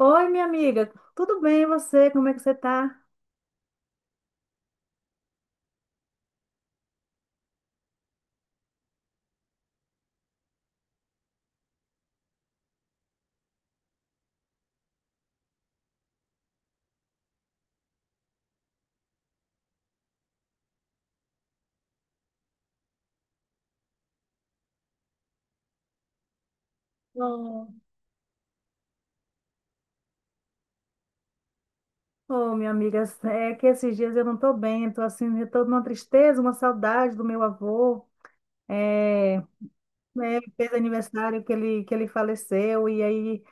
Oi, minha amiga, tudo bem e você? Como é que você tá? Oh, Ô, minha amiga, é que esses dias eu não tô bem, tô assim, eu tô numa tristeza, uma saudade do meu avô. É, né, fez aniversário que ele, faleceu, e aí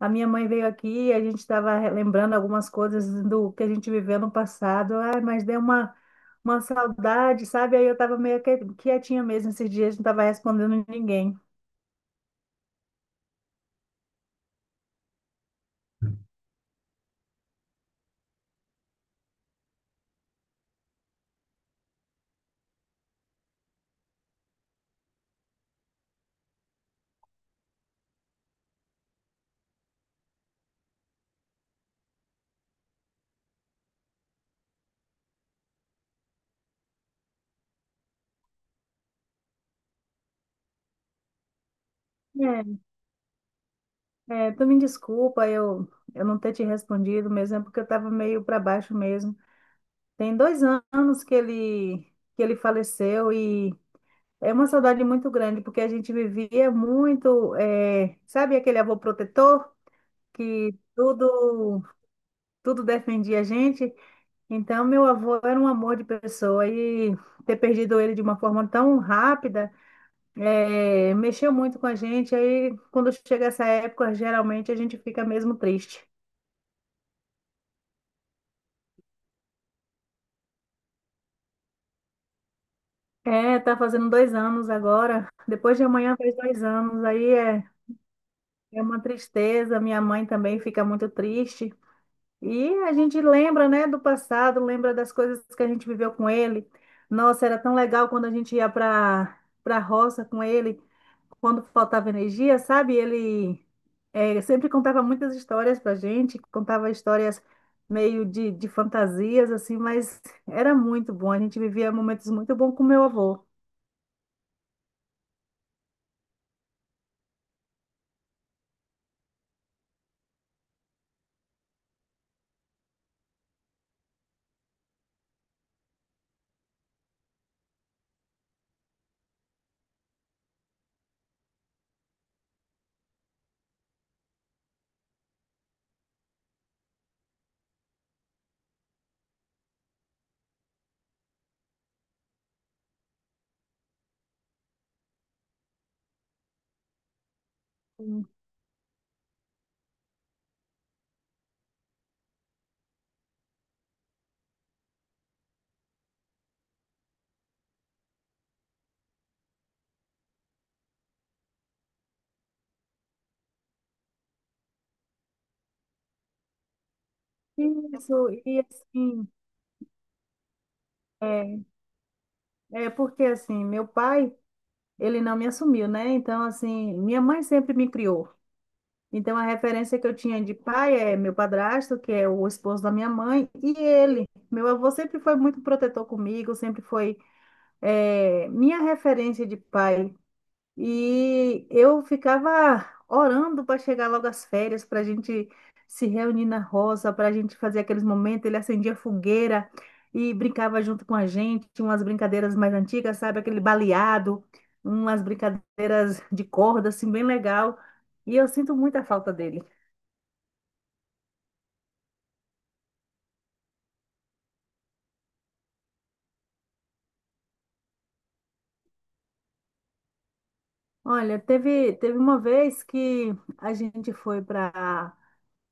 a minha mãe veio aqui, e a gente estava lembrando algumas coisas do que a gente viveu no passado, ai, mas deu uma, saudade, sabe? Aí eu estava meio quietinha mesmo esses dias, não estava respondendo ninguém. É, tu me desculpa eu, não ter te respondido mesmo, é porque eu estava meio para baixo mesmo. Tem dois anos que ele faleceu e é uma saudade muito grande, porque a gente vivia muito, é, sabe aquele avô protetor que tudo, tudo defendia a gente? Então, meu avô era um amor de pessoa e ter perdido ele de uma forma tão rápida, é, mexeu muito com a gente. Aí, quando chega essa época, geralmente a gente fica mesmo triste. É, tá fazendo 2 anos agora. Depois de amanhã faz 2 anos. Aí é, é uma tristeza. Minha mãe também fica muito triste. E a gente lembra, né, do passado, lembra das coisas que a gente viveu com ele. Nossa, era tão legal quando a gente ia para roça com ele, quando faltava energia, sabe? Ele é, sempre contava muitas histórias para gente, contava histórias meio de, fantasias, assim, mas era muito bom. A gente vivia momentos muito bons com meu avô. Isso, e assim, é, é porque assim, meu pai, ele não me assumiu, né? Então, assim, minha mãe sempre me criou. Então, a referência que eu tinha de pai é meu padrasto, que é o esposo da minha mãe, e ele. Meu avô sempre foi muito protetor comigo, sempre foi, é, minha referência de pai. E eu ficava orando para chegar logo as férias, para a gente se reunir na roça, para a gente fazer aqueles momentos. Ele acendia fogueira e brincava junto com a gente, tinha umas brincadeiras mais antigas, sabe? Aquele baleado, umas brincadeiras de corda, assim, bem legal. E eu sinto muita falta dele. Olha, teve uma vez que a gente foi para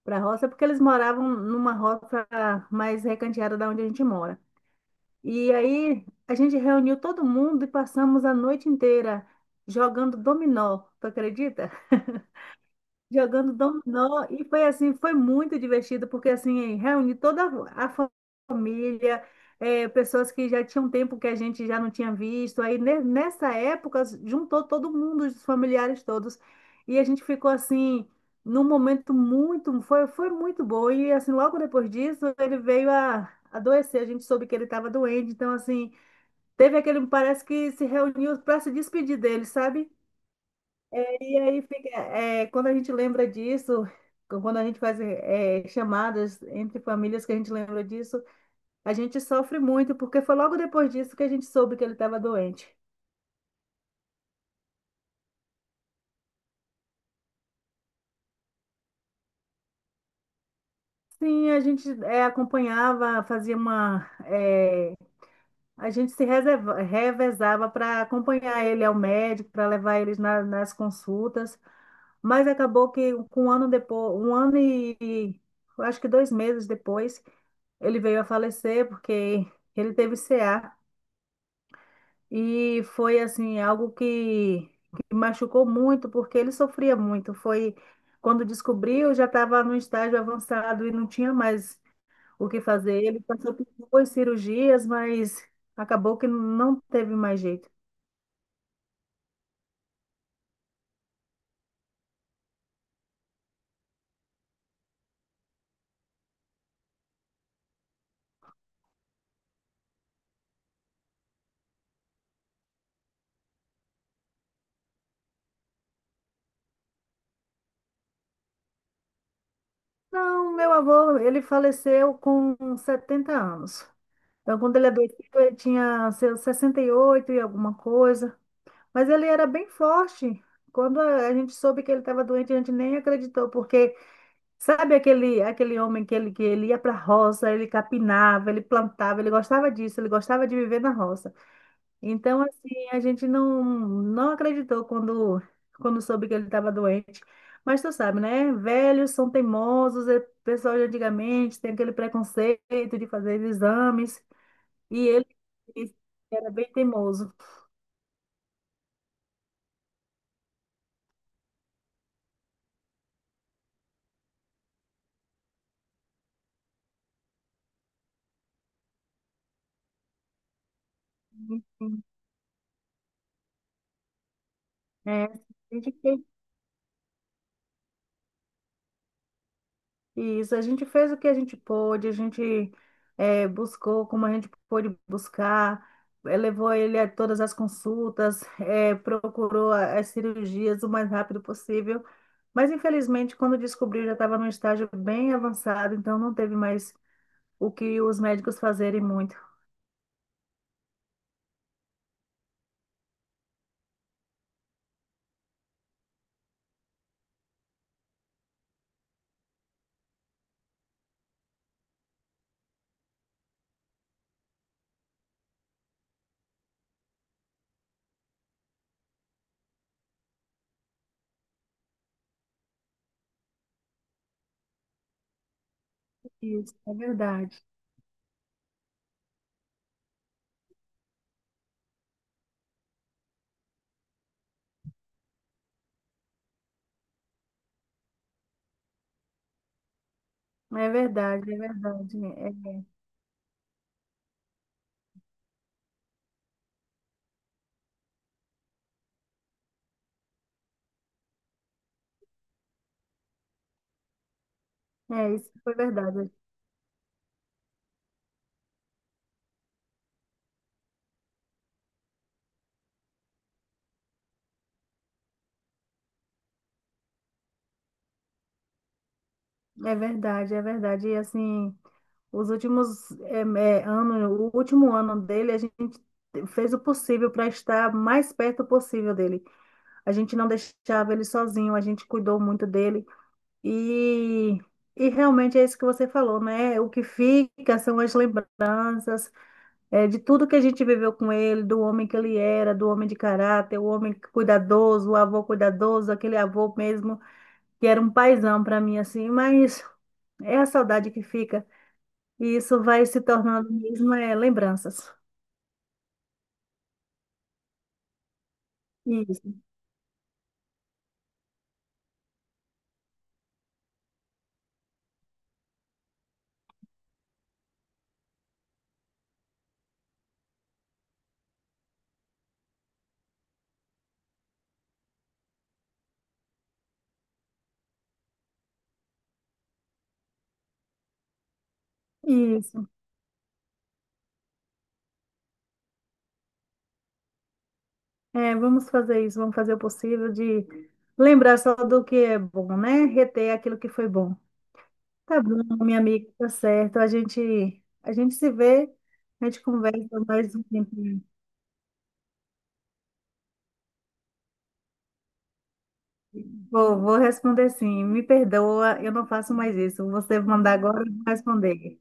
para roça, porque eles moravam numa roça mais recanteada da onde a gente mora. E aí a gente reuniu todo mundo e passamos a noite inteira jogando dominó, tu acredita? jogando dominó e foi assim, foi muito divertido porque assim, reuni toda a família, eh, pessoas que já tinham tempo que a gente já não tinha visto. Aí nessa época juntou todo mundo, os familiares todos, e a gente ficou assim num momento muito, foi muito bom. E assim, logo depois disso, ele veio a adoecer, a gente soube que ele estava doente, então assim, teve aquele, parece que se reuniu para se despedir dele, sabe? E aí fica, é, quando a gente lembra disso, quando a gente faz chamadas entre famílias que a gente lembra disso, a gente sofre muito, porque foi logo depois disso que a gente soube que ele estava doente. Sim, a gente é, acompanhava, fazia uma. A gente se reserva, revezava para acompanhar ele ao médico, para levar eles nas consultas, mas acabou que com um ano depois, um ano e eu acho que 2 meses depois, ele veio a falecer porque ele teve CA. E foi assim, algo que machucou muito, porque ele sofria muito. Foi quando descobriu, já estava no estágio avançado e não tinha mais o que fazer. Ele passou por duas cirurgias, mas acabou que não teve mais jeito. Não, meu avô, ele faleceu com 70 anos. Então, quando ele adoeceu, ele tinha seus 68 e oito e alguma coisa. Mas ele era bem forte. Quando a gente soube que ele estava doente, a gente nem acreditou, porque sabe aquele, aquele homem que ele ia para a roça, ele capinava, ele plantava, ele gostava disso, ele gostava de viver na roça. Então, assim, a gente não acreditou quando, soube que ele estava doente. Mas tu sabe, né? Velhos são teimosos, é pessoal de antigamente tem aquele preconceito de fazer exames, e ele era bem teimoso. Enfim, é, a gente Isso, a gente fez o que a gente pôde, a gente buscou como a gente pôde buscar, levou ele a todas as consultas, procurou as cirurgias o mais rápido possível, mas infelizmente, quando descobriu, já estava num estágio bem avançado, então não teve mais o que os médicos fazerem muito. Isso, é verdade. É verdade, é verdade. É, é isso, foi verdade. É verdade, é verdade. E assim, os últimos eh, eh, anos, o último ano dele, a gente fez o possível para estar mais perto possível dele. A gente não deixava ele sozinho, a gente cuidou muito dele. E, e realmente é isso que você falou, né? O que fica são as lembranças, eh, de tudo que a gente viveu com ele, do homem que ele era, do homem de caráter, o homem cuidadoso, o avô cuidadoso, aquele avô mesmo que era um paizão para mim, assim, mas é a saudade que fica. E isso vai se tornando mesmo é, lembranças. Isso, isso. É, vamos fazer isso, vamos fazer o possível de lembrar só do que é bom, né? Reter aquilo que foi bom. Tá bom, minha amiga, tá certo. A gente se vê, a gente conversa mais um tempinho. Vou responder sim. Me perdoa, eu não faço mais isso. Você mandar agora, eu vou responder.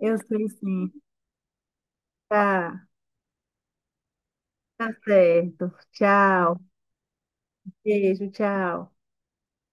Eu sei sim. Tá. Tá certo. Tchau. Beijo, tchau.